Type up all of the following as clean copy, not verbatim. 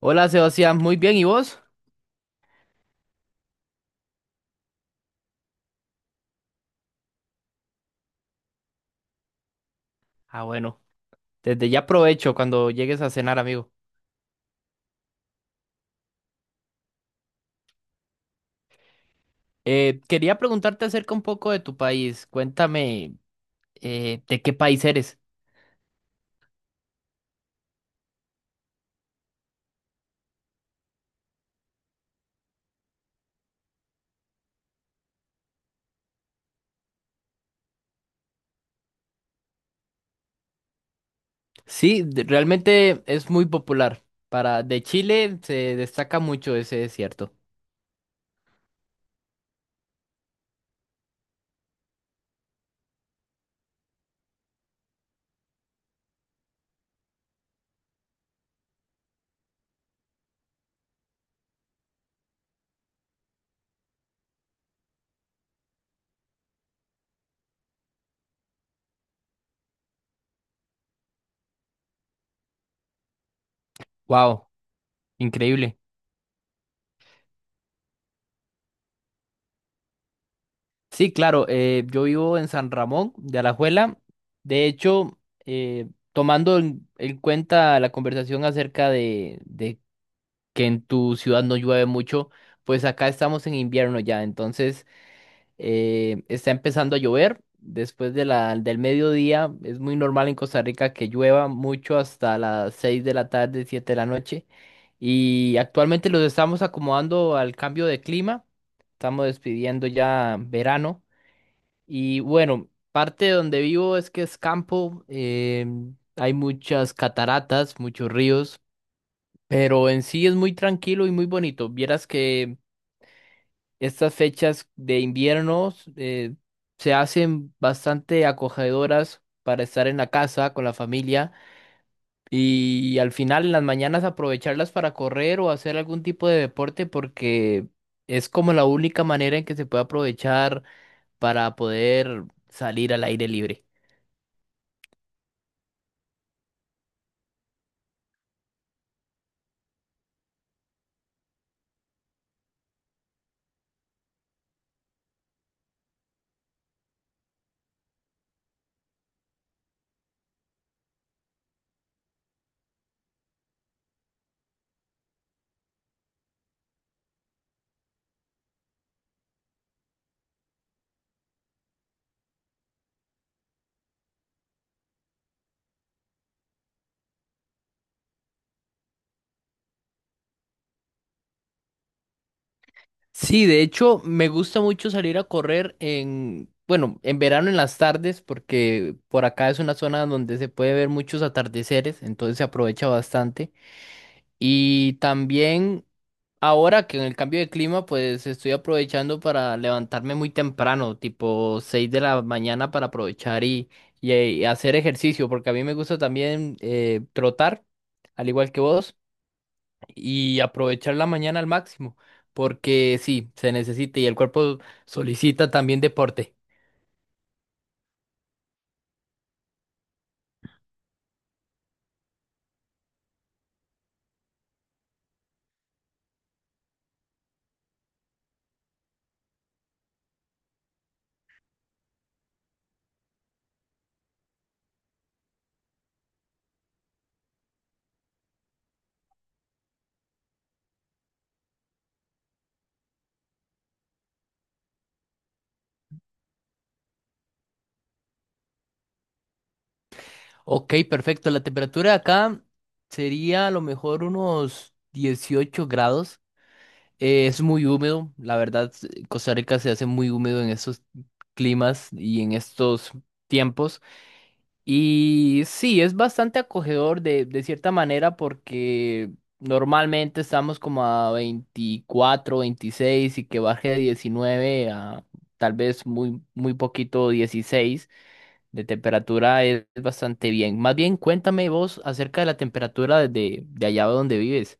Hola Sebastián, muy bien, ¿y vos? Ah, bueno, desde ya aprovecho cuando llegues a cenar, amigo. Quería preguntarte acerca un poco de tu país. Cuéntame, ¿de qué país eres? Sí, realmente es muy popular. Para de Chile se destaca mucho ese desierto. Wow, increíble. Sí, claro, yo vivo en San Ramón de Alajuela. De hecho, tomando en cuenta la conversación acerca de que en tu ciudad no llueve mucho, pues acá estamos en invierno ya, entonces está empezando a llover. Después de del mediodía, es muy normal en Costa Rica que llueva mucho hasta las 6 de la tarde, 7 de la noche. Y actualmente los estamos acomodando al cambio de clima. Estamos despidiendo ya verano. Y bueno, parte de donde vivo es que es campo. Hay muchas cataratas, muchos ríos. Pero en sí es muy tranquilo y muy bonito. Vieras que estas fechas de invierno se hacen bastante acogedoras para estar en la casa con la familia y al final en las mañanas aprovecharlas para correr o hacer algún tipo de deporte porque es como la única manera en que se puede aprovechar para poder salir al aire libre. Sí, de hecho, me gusta mucho salir a correr en, bueno, en verano en las tardes, porque por acá es una zona donde se puede ver muchos atardeceres, entonces se aprovecha bastante. Y también ahora que en el cambio de clima, pues estoy aprovechando para levantarme muy temprano, tipo 6 de la mañana para aprovechar y hacer ejercicio, porque a mí me gusta también trotar, al igual que vos y aprovechar la mañana al máximo, porque sí, se necesita y el cuerpo solicita también deporte. Ok, perfecto. La temperatura de acá sería a lo mejor unos 18 grados. Es muy húmedo, la verdad, Costa Rica se hace muy húmedo en estos climas y en estos tiempos. Y sí, es bastante acogedor de cierta manera porque normalmente estamos como a 24 26 y que baje de 19 a tal vez muy, muy poquito 16 de temperatura es bastante bien. Más bien, cuéntame vos acerca de la temperatura de allá donde vives.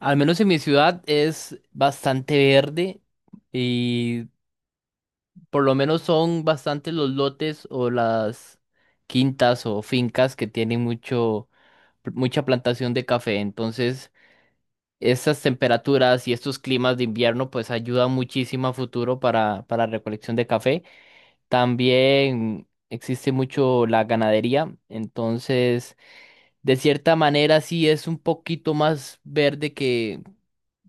Al menos en mi ciudad es bastante verde. Y por lo menos son bastantes los lotes o las quintas o fincas que tienen mucha plantación de café. Entonces, estas temperaturas y estos climas de invierno, pues ayudan muchísimo a futuro para recolección de café. También existe mucho la ganadería. Entonces, de cierta manera, sí es un poquito más verde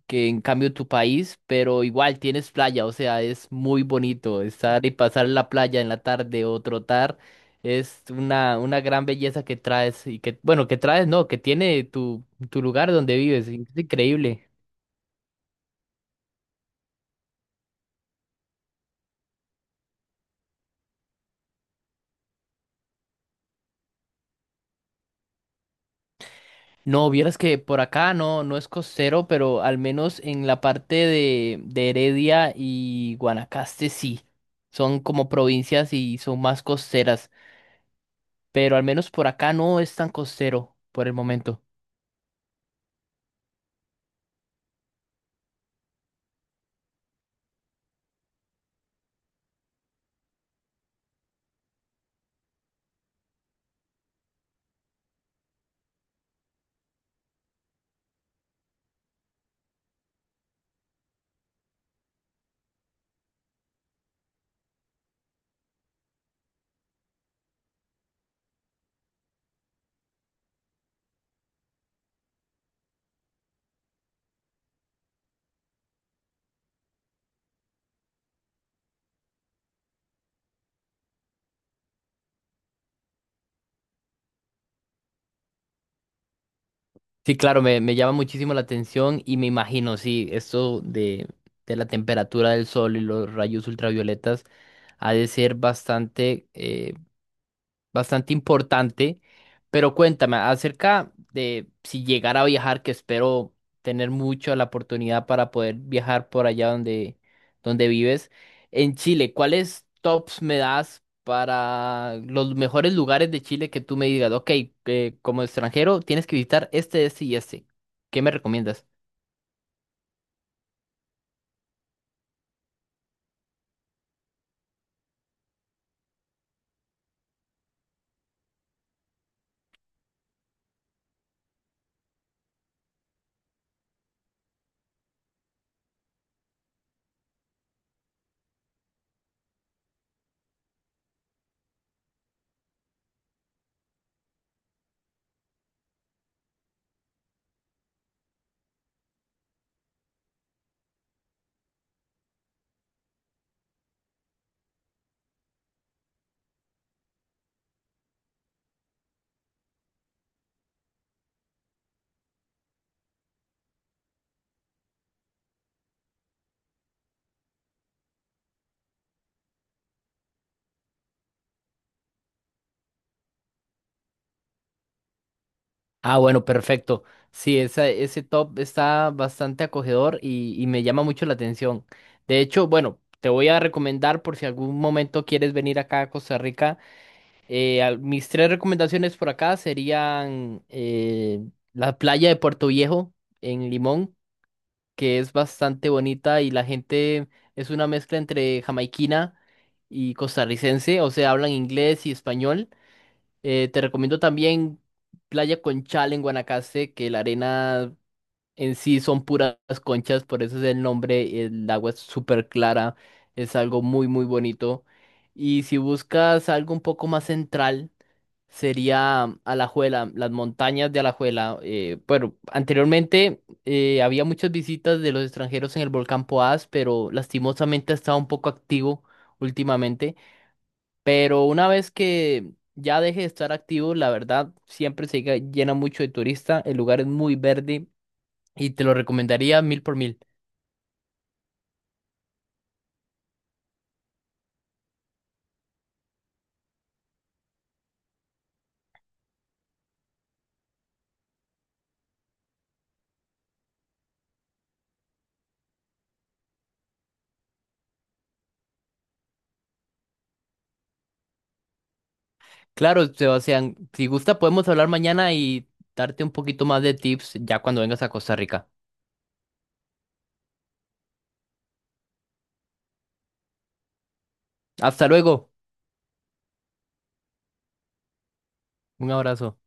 que en cambio tu país, pero igual tienes playa, o sea, es muy bonito estar y pasar la playa en la tarde o trotar. Es una gran belleza que traes y que, bueno, que traes, no, que tiene tu lugar donde vives. Es increíble. No, vieras que por acá no, no es costero, pero al menos en la parte de Heredia y Guanacaste sí. Son como provincias y son más costeras, pero al menos por acá no es tan costero por el momento. Sí, claro, me llama muchísimo la atención y me imagino, sí, esto de la temperatura del sol y los rayos ultravioletas ha de ser bastante, bastante importante. Pero cuéntame acerca de si llegara a viajar, que espero tener mucho la oportunidad para poder viajar por allá donde vives. En Chile, ¿cuáles tops me das para los mejores lugares de Chile que tú me digas, ok, como extranjero tienes que visitar este, este y este? ¿Qué me recomiendas? Ah, bueno, perfecto. Sí, ese top está bastante acogedor y me llama mucho la atención. De hecho, bueno, te voy a recomendar por si algún momento quieres venir acá a Costa Rica. Mis tres recomendaciones por acá serían la playa de Puerto Viejo en Limón, que es bastante bonita y la gente es una mezcla entre jamaiquina y costarricense, o sea, hablan inglés y español. Te recomiendo también Playa Conchal en Guanacaste, que la arena en sí son puras conchas, por eso es el nombre, el agua es súper clara, es algo muy muy bonito. Y si buscas algo un poco más central, sería Alajuela, las montañas de Alajuela. Bueno, anteriormente había muchas visitas de los extranjeros en el volcán Poás, pero lastimosamente ha estado un poco activo últimamente. Pero una vez que ya deje de estar activo, la verdad, siempre se llena mucho de turista. El lugar es muy verde y te lo recomendaría mil por mil. Claro, Sebastián, si gusta, podemos hablar mañana y darte un poquito más de tips ya cuando vengas a Costa Rica. Hasta luego. Un abrazo.